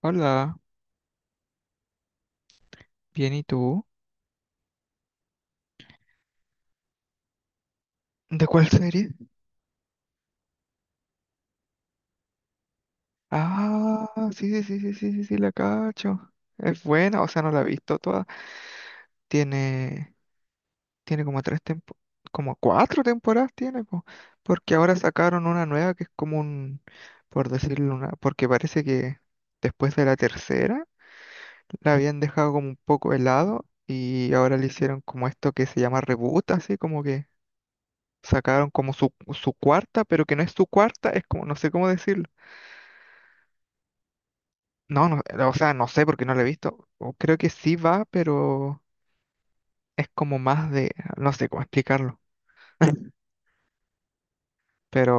Hola, bien, ¿y tú? ¿De cuál serie? Ah, sí, sí, sí, sí, sí, sí, sí, la cacho. Es buena, o sea, no la he visto toda. Tiene, tiene como tres tempo, como cuatro temporadas tiene, po, porque ahora sacaron una nueva que es como un, por decirlo una, porque parece que después de la tercera la habían dejado como un poco helado y ahora le hicieron como esto que se llama reboot, así como que sacaron como su cuarta, pero que no es su cuarta, es como, no sé cómo decirlo. No, no, o sea, no sé porque no lo he visto. O creo que sí va, pero es como más de, no sé cómo explicarlo. Pero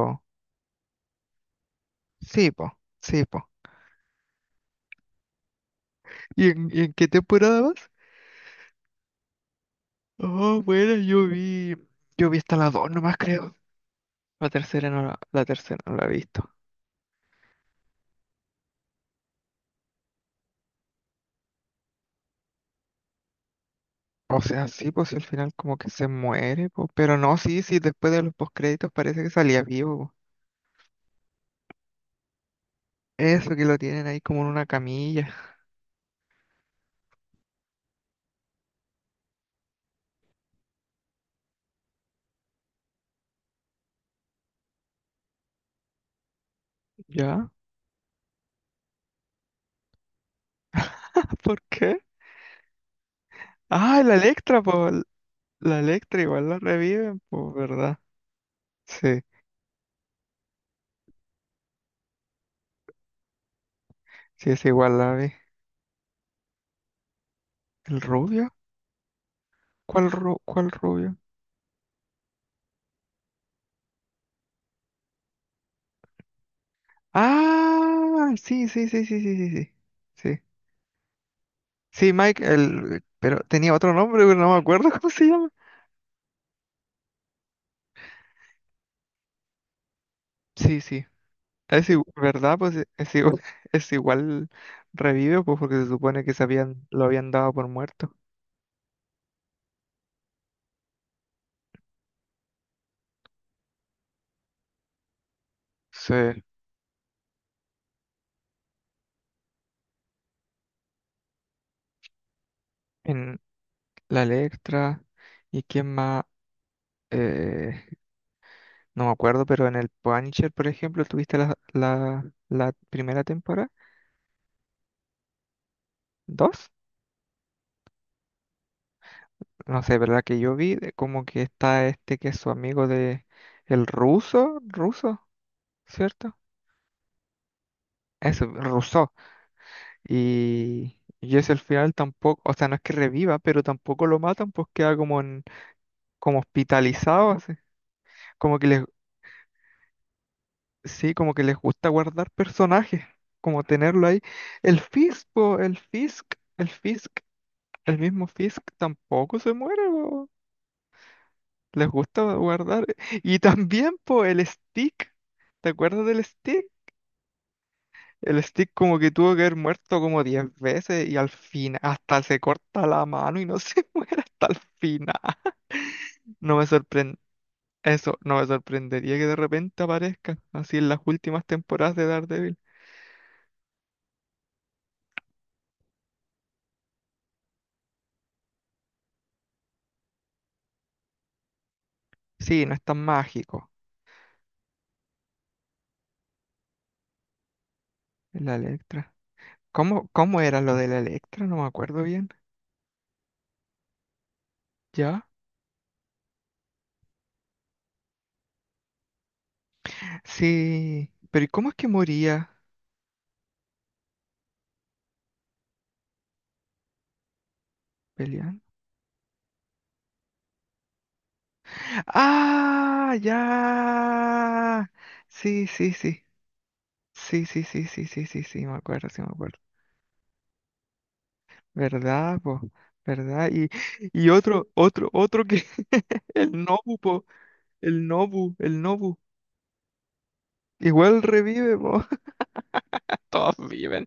sí, po, sí, po. ¿Y en qué temporada vas? Oh, bueno, yo vi hasta la dos nomás creo. La tercera no la he visto. O sea, sí, pues al final como que se muere, po. Pero no, sí, sí, después de los postcréditos parece que salía vivo, po. Eso que lo tienen ahí como en una camilla. ¿Ya? ¿Por qué? Ah, la Electra, po. La Electra igual la reviven, pues, ¿verdad? Sí, sí es igual la vi. ¿El rubio? ¿Cuál, cuál rubio? Ah, sí, sí, sí, sí, sí, sí, sí. Sí, sí, Mike, el... pero tenía otro nombre, pero no me acuerdo cómo se llama. Sí, sí, es igual, ¿verdad? Pues es igual, es igual revive, pues porque se supone que lo habían dado por muerto. Sí, en la Electra, ¿y quién más? Eh, No me acuerdo, pero en el Punisher, por ejemplo, tuviste la primera temporada, dos, no sé, ¿verdad? Que yo vi, de como que está este que es su amigo de el ruso, ruso, ¿cierto? Eso ruso. Y es el final tampoco, o sea, no es que reviva, pero tampoco lo matan, pues queda como en, como hospitalizado, así. Como que les, sí, como que les gusta guardar personajes, como tenerlo ahí. El Fisk, po, el Fisk. El mismo Fisk tampoco se muere, po. Les gusta guardar. Y también, po, el Stick. ¿Te acuerdas del Stick? El Stick como que tuvo que haber muerto como 10 veces y al final hasta se corta la mano y no se muere hasta el final. No me sorprende. Eso, no me sorprendería que de repente aparezca así en las últimas temporadas de Daredevil. Sí, no es tan mágico. La Electra. ¿Cómo, cómo era lo de la Electra? No me acuerdo bien. ¿Ya? Sí. Pero ¿y cómo es que moría? Pelean. ¡Ah! ¡Ya! Sí, sí, sí. Sí, sí, sí, sí, sí, sí, sí, me acuerdo, sí, me acuerdo. ¿Verdad, po? ¿Verdad? Y otro, otro que. El Nobu, po. El Nobu, el Nobu. Igual revive, po. Todos viven.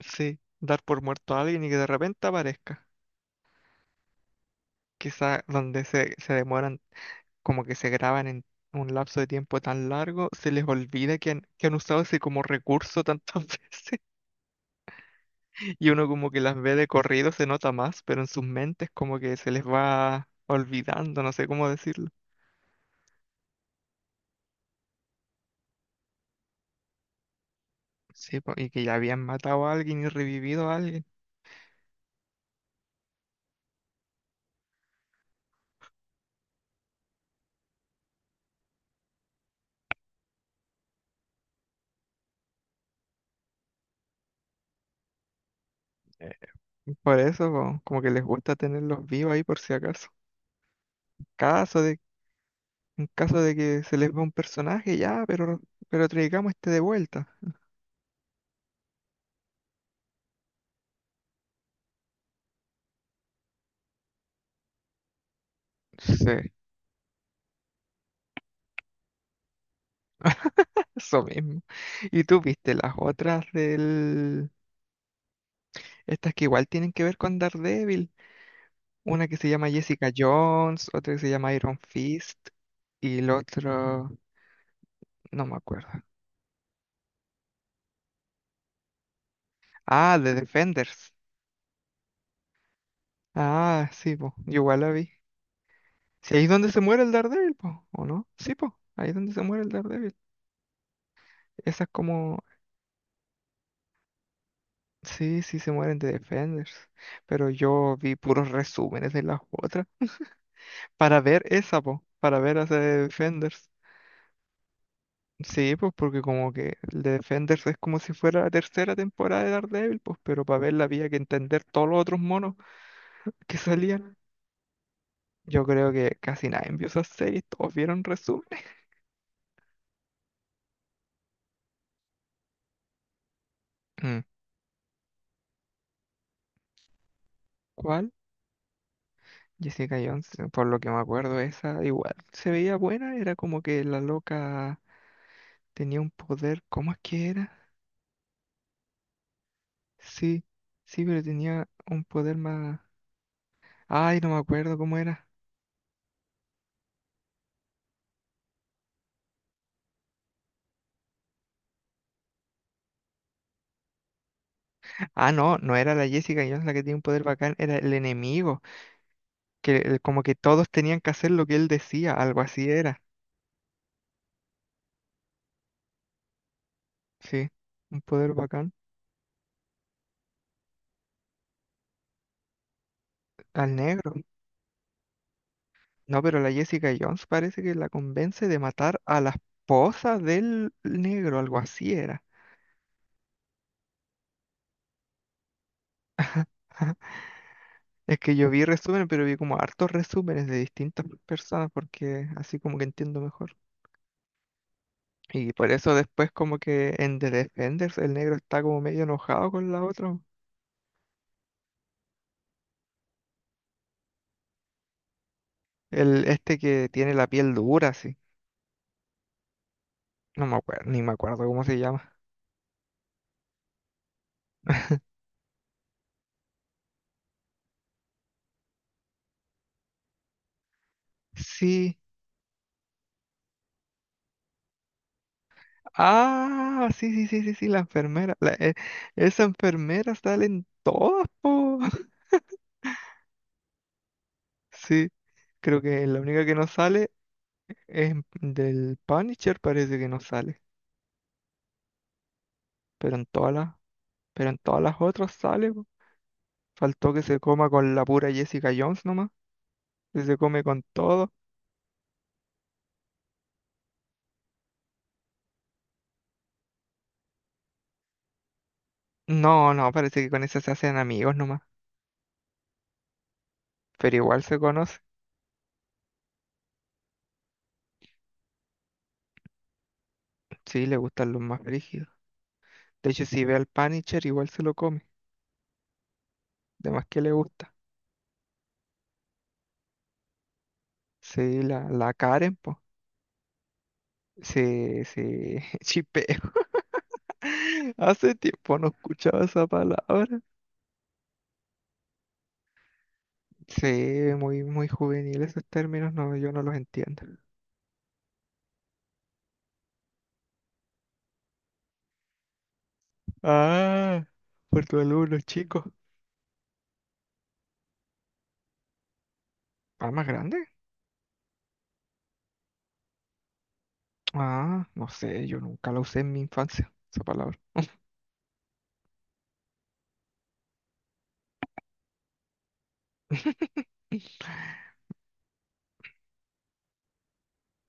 Sí, dar por muerto a alguien y que de repente aparezca. Quizá donde se demoran, como que se graban en un lapso de tiempo tan largo, se les olvida que han usado ese como recurso tantas veces. Y uno como que las ve de corrido, se nota más, pero en sus mentes como que se les va olvidando, no sé cómo decirlo. Sí, po, y que ya habían matado a alguien y revivido a alguien. Eh, Por eso, po, como que les gusta tenerlos vivos ahí por si acaso. Caso de, en caso de que se les va un personaje, ya, pero traigamos este de vuelta. Sí, eso mismo. ¿Y tú viste las otras del... estas que igual tienen que ver con Daredevil? Una que se llama Jessica Jones, otra que se llama Iron Fist y el otro, no me acuerdo. Ah, The Defenders. Ah, sí, po, yo igual la vi. Sí, ahí es donde se muere el Daredevil, po, ¿o no? Sí, po, ahí es donde se muere el Daredevil. Esa es como, sí, sí se mueren The Defenders, pero yo vi puros resúmenes de las otras para ver esa, po, para ver a The Defenders. Sí, pues porque como que el de Defenders es como si fuera la tercera temporada de Daredevil, pues, pero para verla había que entender todos los otros monos que salían. Yo creo que casi nadie vio esas series, todos vieron resúmenes. Mm. ¿Cuál? Jessica Jones, por lo que me acuerdo, esa igual se veía buena, era como que la loca tenía un poder, ¿cómo es que era? Sí, sí, pero tenía un poder más... ay, no me acuerdo cómo era. Ah, no, no era la Jessica Jones la que tenía un poder bacán, era el enemigo. Que como que todos tenían que hacer lo que él decía, algo así era. Sí, un poder bacán. Al negro. No, pero la Jessica Jones parece que la convence de matar a la esposa del negro, algo así era. Es que yo vi resúmenes, pero vi como hartos resúmenes de distintas personas porque así como que entiendo mejor. Y por eso después como que en The Defenders el negro está como medio enojado con la otra. El este que tiene la piel dura, así. No me acuerdo, ni me acuerdo cómo se llama. Sí, ah, sí, sí, sí, sí, sí, la enfermera. Esa enfermera sale en todas, po. Sí, creo que la única que no sale del Punisher, parece que no sale. Pero en todas las, pero en todas las otras sale, po. Faltó que se coma con la pura Jessica Jones nomás. Que se come con todo. No, no, parece que con esa se hacen amigos nomás. Pero igual se conoce. Sí, le gustan los más brígidos. De hecho, si ve al Punisher, igual se lo come. De más que le gusta. Sí, la Karen, po. Sí, sí, chipeo. Hace tiempo no escuchaba esa palabra. Sí, muy juvenil esos términos, no, yo no los entiendo. Ah, por tu alumno, chico. ¿Ah, más grande? Ah, no sé, yo nunca la usé en mi infancia, esa palabra.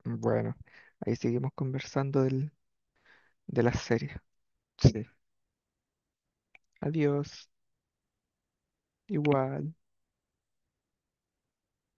Bueno, ahí seguimos conversando del, de la serie. Sí. Adiós. Igual.